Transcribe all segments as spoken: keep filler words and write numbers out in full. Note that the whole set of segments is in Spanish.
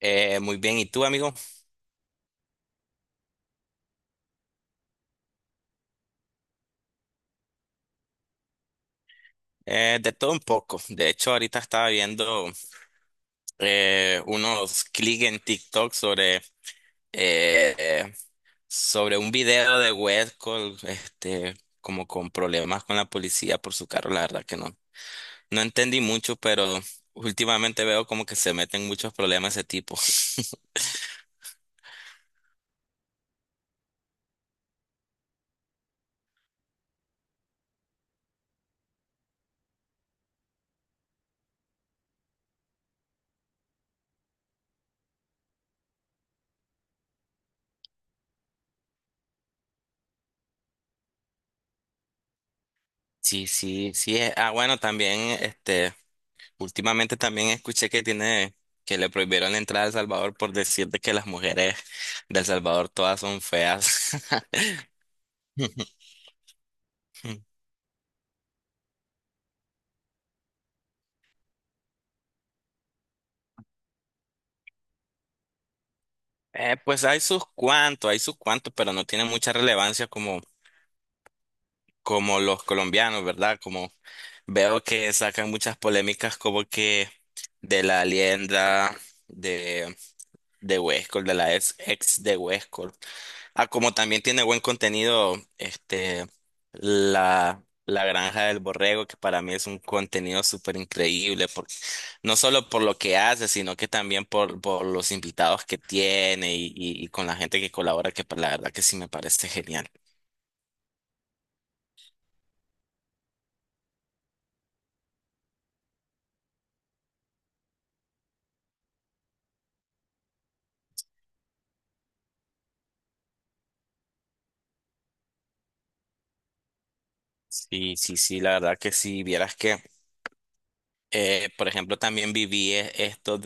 Eh, muy bien, ¿y tú, amigo? Eh, de todo un poco. De hecho, ahorita estaba viendo eh, unos clics en TikTok sobre, eh, eh, sobre un video de Westcol, este, como con problemas con la policía por su carro. La verdad que no, no entendí mucho, pero últimamente veo como que se meten muchos problemas de ese tipo. Sí, sí, sí. eh, Ah, bueno, también este. Últimamente también escuché que tiene, que le prohibieron la entrada a El Salvador por decirte que las mujeres de El Salvador todas son feas. Eh, pues hay sus cuantos, hay sus cuantos, pero no tiene mucha relevancia como, como los colombianos, ¿verdad? Como veo que sacan muchas polémicas como que de la Alienda, de, de Huescol, de la ex, ex de Huescol. Ah, como también tiene buen contenido, este, la, la Granja del Borrego, que para mí es un contenido súper increíble, por- no solo por lo que hace, sino que también por, por los invitados que tiene y, y- y con la gente que colabora, que pa- la verdad que sí me parece genial. Sí, sí, sí, la verdad que sí, vieras que, eh, por ejemplo, también viví e- esto.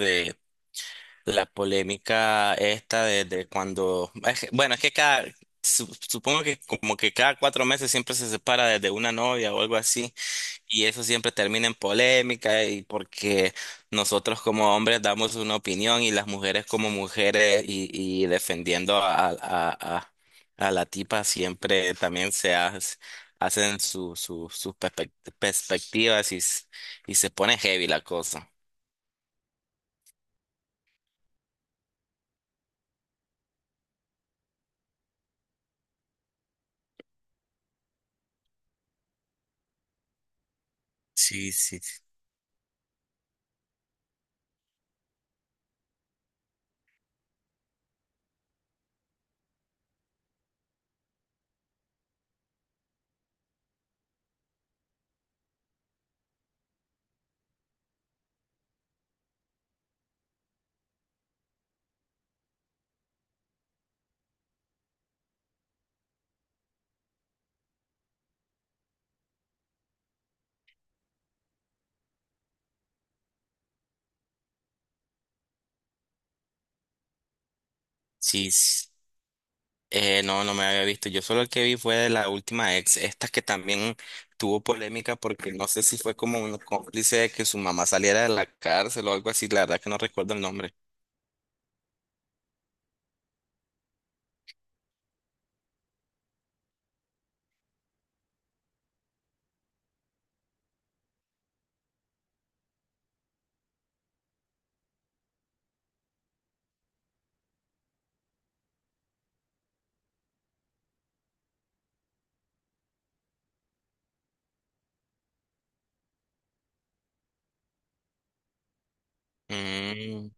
La polémica esta de, de cuando, es que- bueno, es que cada, su- supongo que como que cada cuatro meses siempre se separa de, de una novia o algo así, y eso siempre termina en polémica, y porque nosotros como hombres damos una opinión y las mujeres como mujeres y, y defendiendo a, a, a, a la tipa siempre también se hace- hacen su, su, sus perspec- perspectivas y, s- y se pone heavy la cosa. Sí, sí, sí. Sí. Eh, no, no me había visto. Yo solo el que vi fue de la última ex, esta que también tuvo polémica porque no sé si fue como un cómplice de que su mamá saliera de la cárcel o algo así. La verdad que no recuerdo el nombre. Mm,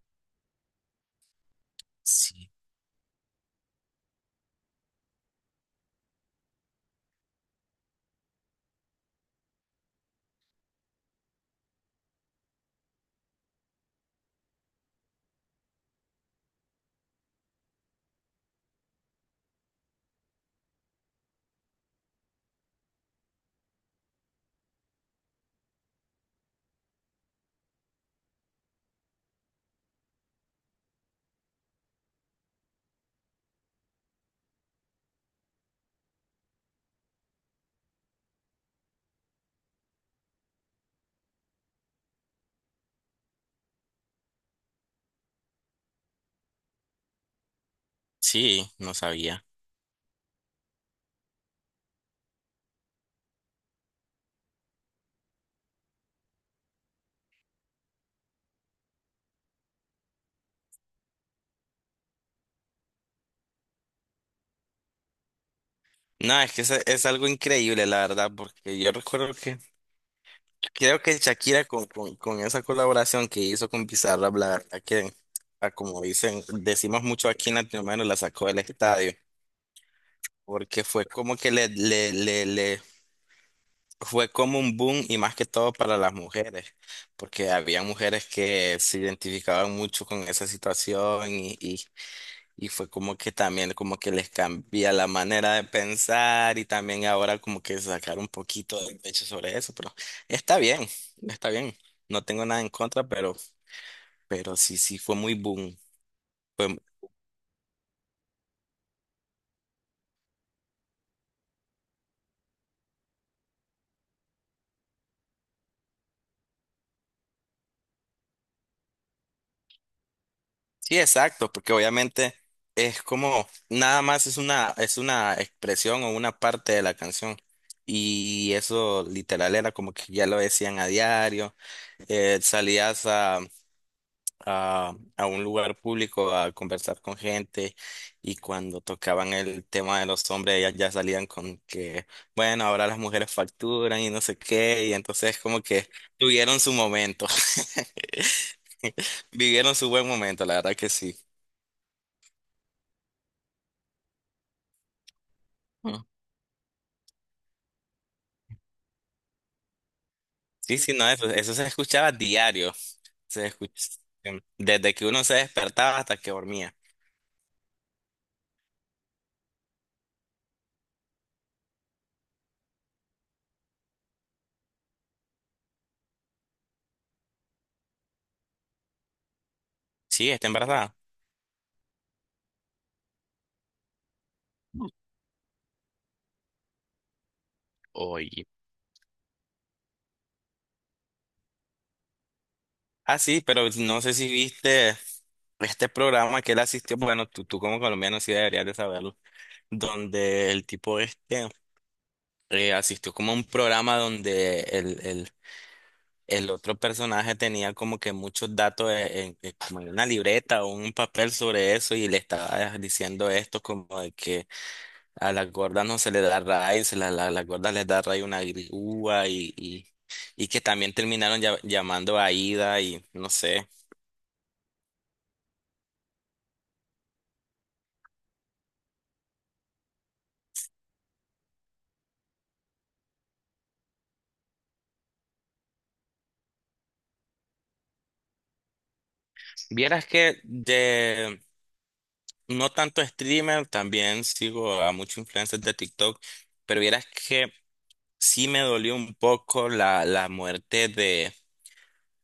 sí, sí, no sabía. No, es que es, es algo increíble, la verdad, porque yo recuerdo que creo que Shakira con, con, con esa colaboración que hizo con Pizarra, la verdad que, ah, como dicen, decimos mucho aquí en Latinoamérica, la sacó del estadio, porque fue como que le, le, le, le fue como un boom y más que todo para las mujeres, porque había mujeres que se identificaban mucho con esa situación y, y, y fue como que también como que les cambia la manera de pensar y también ahora como que sacar un poquito de pecho sobre eso, pero está bien, está bien, no tengo nada en contra, pero, pero sí, sí fue muy boom. Sí, exacto, porque obviamente es como nada más es una es una expresión o una parte de la canción. Y eso literal era como que ya lo decían a diario, eh, salías a, a, a un lugar público a conversar con gente y cuando tocaban el tema de los hombres ellas ya salían con que, bueno, ahora las mujeres facturan y no sé qué, y entonces como que tuvieron su momento, vivieron su buen momento, la verdad que sí. Sí, sí, no, eso, eso se escuchaba diario. Se escuch- desde que uno se despertaba hasta que dormía. Sí, está embarazada. Oye. Ah, sí, pero no sé si viste este programa que él asistió. Bueno, tú, tú como colombiano sí deberías de saberlo. Donde el tipo este eh, asistió como a un programa donde el, el, el otro personaje tenía como que muchos datos e- en, en- como en una libreta o un papel sobre eso y le estaba diciendo esto como de que a las gordas no se le da raíz, la, la- las gordas les da raíz una grúa y, y, y que también terminaron lla- llamando a Ida y no sé. Vieras que de no tanto streamer, también sigo a muchos influencers de TikTok, pero vieras que sí me dolió un poco la, la muerte de,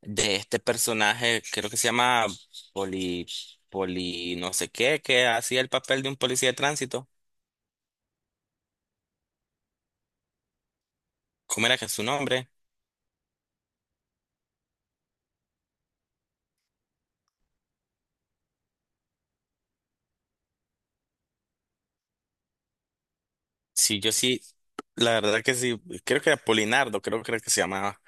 de este personaje, creo que se llama Poli, Poli no sé qué, que hacía el papel de un policía de tránsito. ¿Cómo era que es su nombre? Sí, yo sí, la verdad que sí, creo que era Polinardo, creo, creo que se llamaba.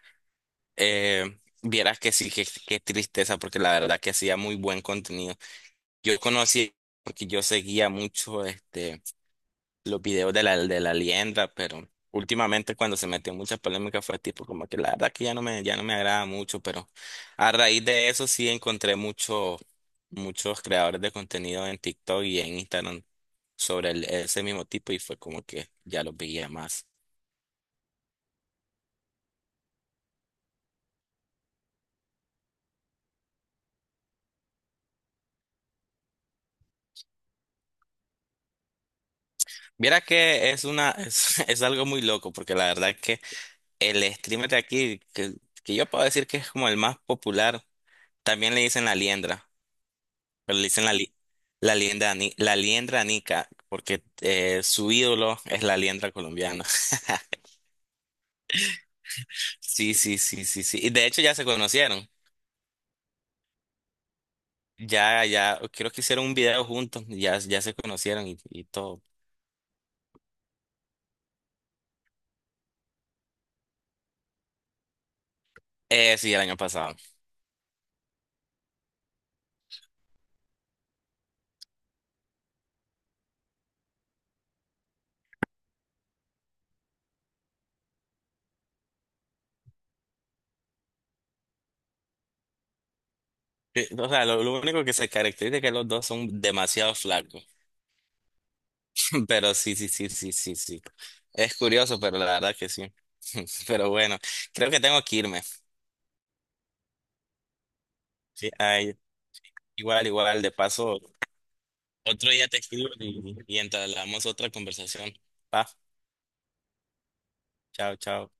Eh, vieras que sí, que- qué, tristeza, porque la verdad que hacía muy buen contenido. Yo conocí, porque yo seguía mucho este, los videos de la, de la Liendra, pero últimamente cuando se metió en muchas polémicas fue tipo como que la verdad que ya no me, ya no me agrada mucho, pero a raíz de eso sí encontré mucho, muchos creadores de contenido en TikTok y en Instagram sobre el- ese mismo tipo y fue como que ya los veía más. Viera que es una, es, es algo muy loco, porque la verdad que el streamer de aquí, que, que yo puedo decir que es como el más popular, también le dicen la liendra, pero le dicen la, li- la liendra, ni- la liendra nica, porque eh, su ídolo es la liendra colombiana. Sí, sí, sí, sí, sí. Y de hecho ya se conocieron. Ya, ya, creo que hicieron un video juntos, ya, ya se conocieron y, y todo. Eh, sí, el año pasado. Eh, O sea, lo, lo único que se caracteriza es que los dos son demasiado flacos. Pero sí, sí, sí, sí, sí, sí. Es curioso, pero la verdad que sí. Pero bueno, creo que tengo que irme. Sí, ay, igual, igual, de paso, otro día te escribo y, y entablamos otra conversación. Va, chao, chao.